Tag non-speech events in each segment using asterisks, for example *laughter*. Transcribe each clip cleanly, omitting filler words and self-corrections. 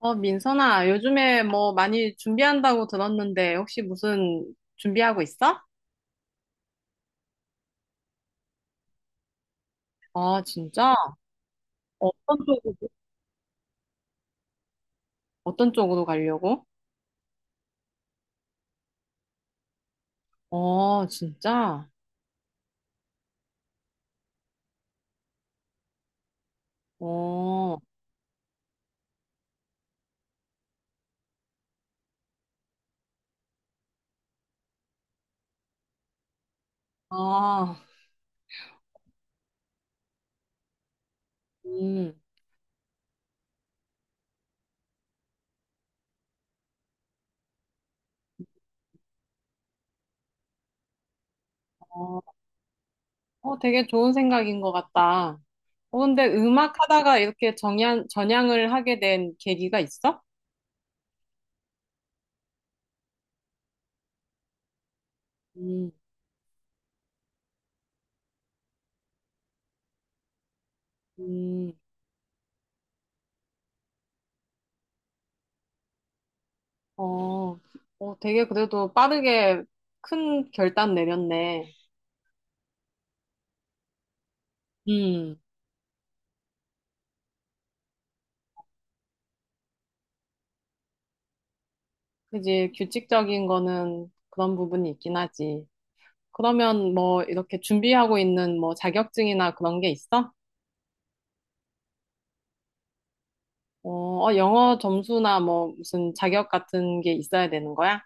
어, 민선아, 요즘에 뭐 많이 준비한다고 들었는데, 혹시 무슨 준비하고 있어? 아, 진짜? 어떤 쪽으로, 어떤 쪽으로 가려고? 어, 진짜? 어, 아, 음, 어, 어, 되게 좋은 생각인 것 같다. 어, 근데 음악 하다가 이렇게 전향을 하게 된 계기가 있어? 음, 음, 어, 어, 되게 그래도 빠르게 큰 결단 내렸네. 음. 그지, 규칙적인 거는 그런 부분이 있긴 하지. 그러면 뭐 이렇게 준비하고 있는 뭐 자격증이나 그런 게 있어? 어, 어, 영어 점수나 뭐 무슨 자격 같은 게 있어야 되는 거야?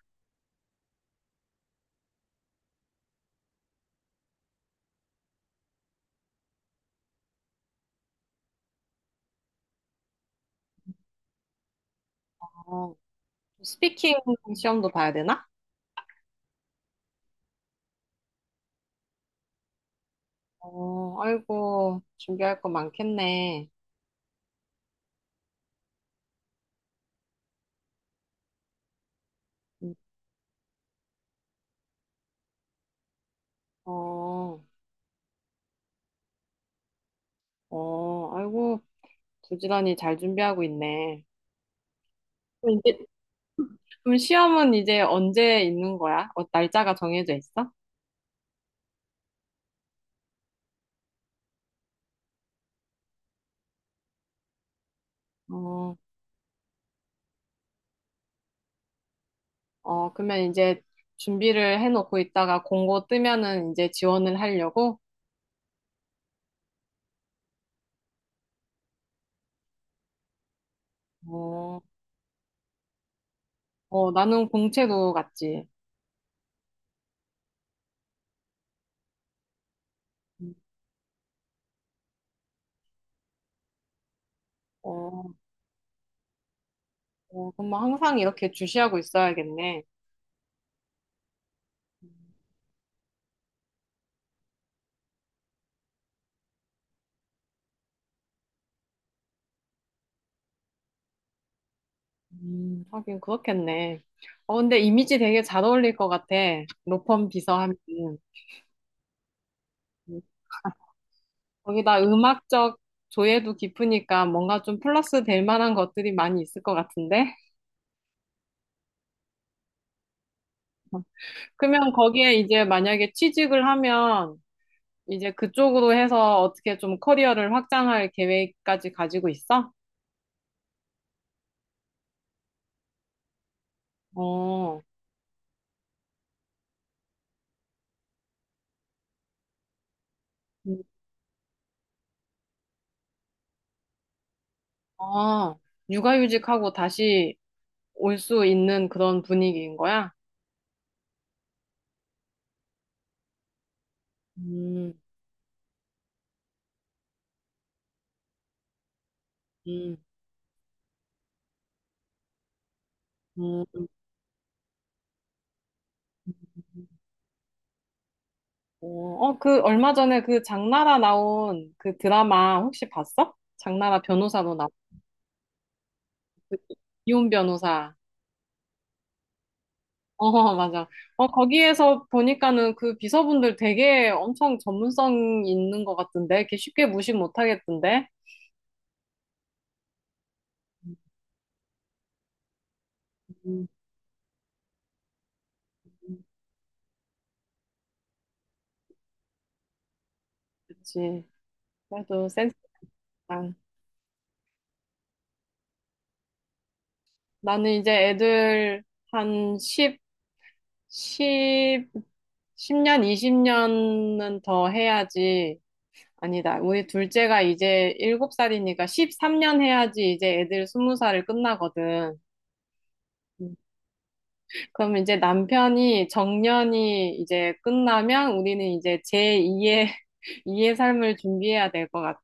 어, 스피킹 시험도 봐야 되나? 어, 아이고, 준비할 거 많겠네. 음, 어, 어, 아이고, 부지런히 잘 준비하고 있네. 그럼 이제, 그럼 시험은 이제 언제 있는 거야? 어, 날짜가 정해져 있어? 어. 어, 그러면 이제 준비를 해놓고 있다가 공고 뜨면은 이제 지원을 하려고? 어, 어, 나는 공채도 갔지. 어, 어, 그럼 뭐 항상 이렇게 주시하고 있어야겠네. 하긴 그렇겠네. 어, 근데 이미지 되게 잘 어울릴 것 같아, 로펌 비서 하면. 음, 거기다 음악적 조예도 깊으니까 뭔가 좀 플러스 될 만한 것들이 많이 있을 것 같은데? 그러면 거기에 이제 만약에 취직을 하면 이제 그쪽으로 해서 어떻게 좀 커리어를 확장할 계획까지 가지고 있어? 어, 음. 아, 육아휴직하고 다시 올 수 있는 그런 분위기인 거야? 음, 음, 음. 어, 어, 그 얼마 전에 그 장나라 나온 그 드라마 혹시 봤어? 장나라 변호사로 나온 그 이혼 변호사. 어, *laughs* 맞아. 어, 거기에서 보니까는 그 비서분들 되게 엄청 전문성 있는 것 같던데? 이렇게 쉽게 무시 못 하겠던데? 음, 그치. 그래도 센스다. 나는 이제 애들 한 10, 십십년 20년은 더 해야지. 아니다. 우리 둘째가 이제 7살이니까 13년 해야지 이제 애들 20살을 끝나거든. 음, 그럼 이제 남편이 정년이 이제 끝나면 우리는 이제 제2의, 이의 *laughs* 삶을 준비해야 될 것 같아.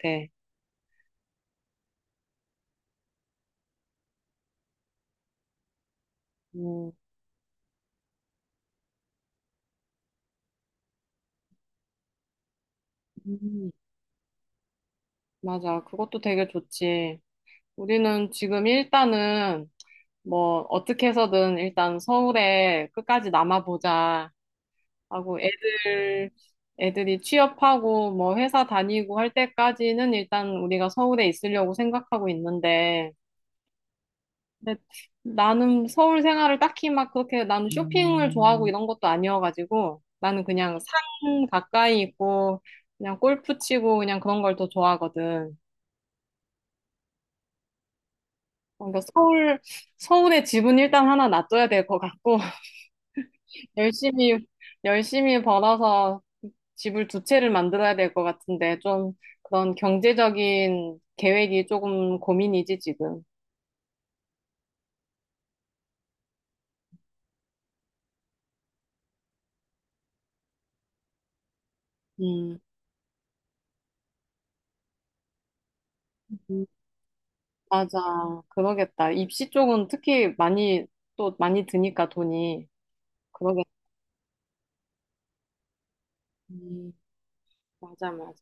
음, 음, 맞아. 그것도 되게 좋지. 우리는 지금 일단은 뭐 어떻게 해서든 일단 서울에 끝까지 남아보자 하고 애들이 취업하고 뭐 회사 다니고 할 때까지는 일단 우리가 서울에 있으려고 생각하고 있는데 근데 나는 서울 생활을 딱히 막 그렇게 나는 쇼핑을 좋아하고 이런 것도 아니어가지고 나는 그냥 산 가까이 있고 그냥 골프 치고 그냥 그런 걸 더 좋아하거든. 그러니까 서울에 집은 일단 하나 놔둬야 될 것 같고 열심히, 열심히 벌어서 집을 두 채를 만들어야 될 것 같은데, 좀 그런 경제적인 계획이 조금 고민이지, 지금. 음, 음, 맞아. 그러겠다. 입시 쪽은 특히 많이, 또 많이 드니까 돈이. 그러겠다. 음, 맞아, 맞아.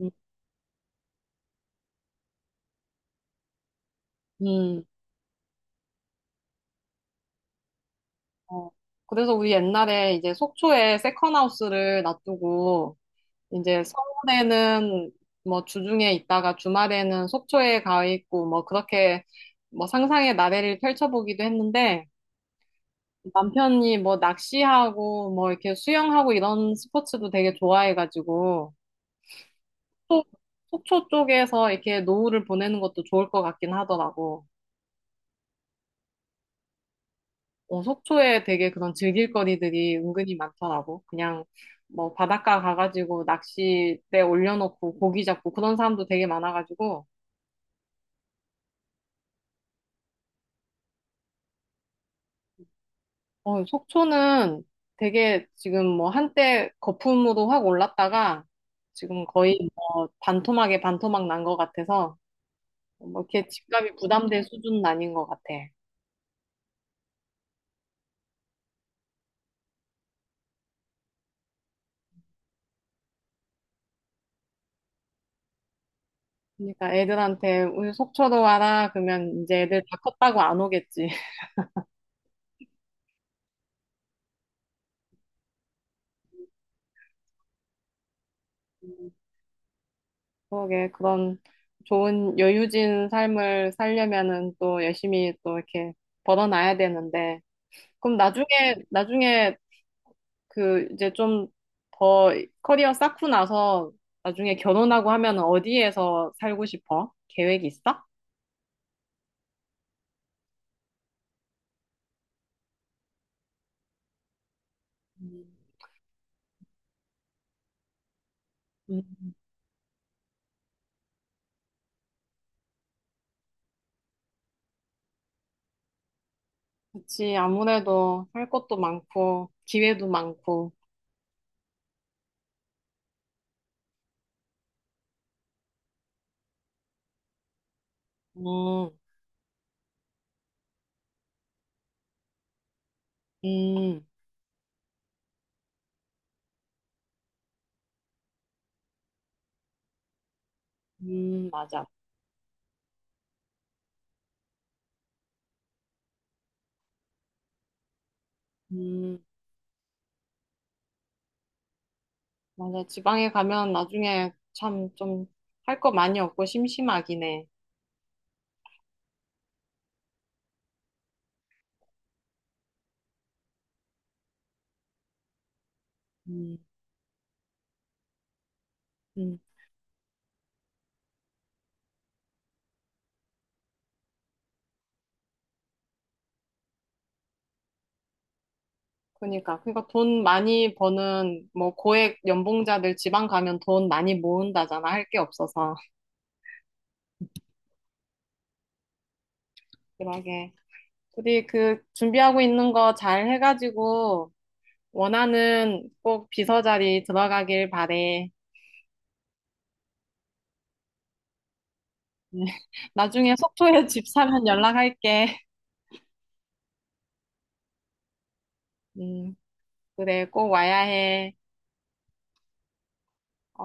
음, 음, 어. 그래서 우리 옛날에 이제 속초에 세컨하우스를 놔두고, 이제 서울에는 뭐 주중에 있다가 주말에는 속초에 가 있고 뭐 그렇게 뭐 상상의 나래를 펼쳐보기도 했는데 남편이 뭐 낚시하고 뭐 이렇게 수영하고 이런 스포츠도 되게 좋아해가지고 또 속초 쪽에서 이렇게 노후를 보내는 것도 좋을 것 같긴 하더라고. 어, 속초에 되게 그런 즐길 거리들이 은근히 많더라고. 그냥 뭐 바닷가 가가지고 낚싯대 올려놓고 고기 잡고 그런 사람도 되게 많아가지고 어, 속초는 되게 지금 뭐 한때 거품으로 확 올랐다가 지금 거의 뭐 반토막에 반토막 난 것 같아서 뭐 이렇게 집값이 부담될 수준은 아닌 것 같아. 그러니까 애들한테 우리 속초로 와라 그러면 이제 애들 다 컸다고 안 오겠지. *laughs* 음, 그러게 그런 좋은 여유진 삶을 살려면은 또 열심히 또 이렇게 벌어놔야 되는데 그럼 나중에 그 이제 좀 더 커리어 쌓고 나서 나중에 결혼하고 하면 어디에서 살고 싶어? 계획 있어? 음, 음, 그치. 아무래도 할 것도 많고, 기회도 많고. 음, 음, 맞아. 음, 맞아. 지방에 가면 나중에 참 좀 할 거 많이 없고 심심하긴 해. 음, 음. 그러니까 돈 많이 버는 뭐 고액 연봉자들 지방 가면 돈 많이 모은다잖아. 할 게 없어서. 그러게. 우리 그 준비하고 있는 거 잘 해가지고 원하는 꼭 비서 자리 들어가길 바래. 음, *laughs* 나중에 속초에 집 사면 연락할게. 음, 그래, 꼭 와야 해. 어,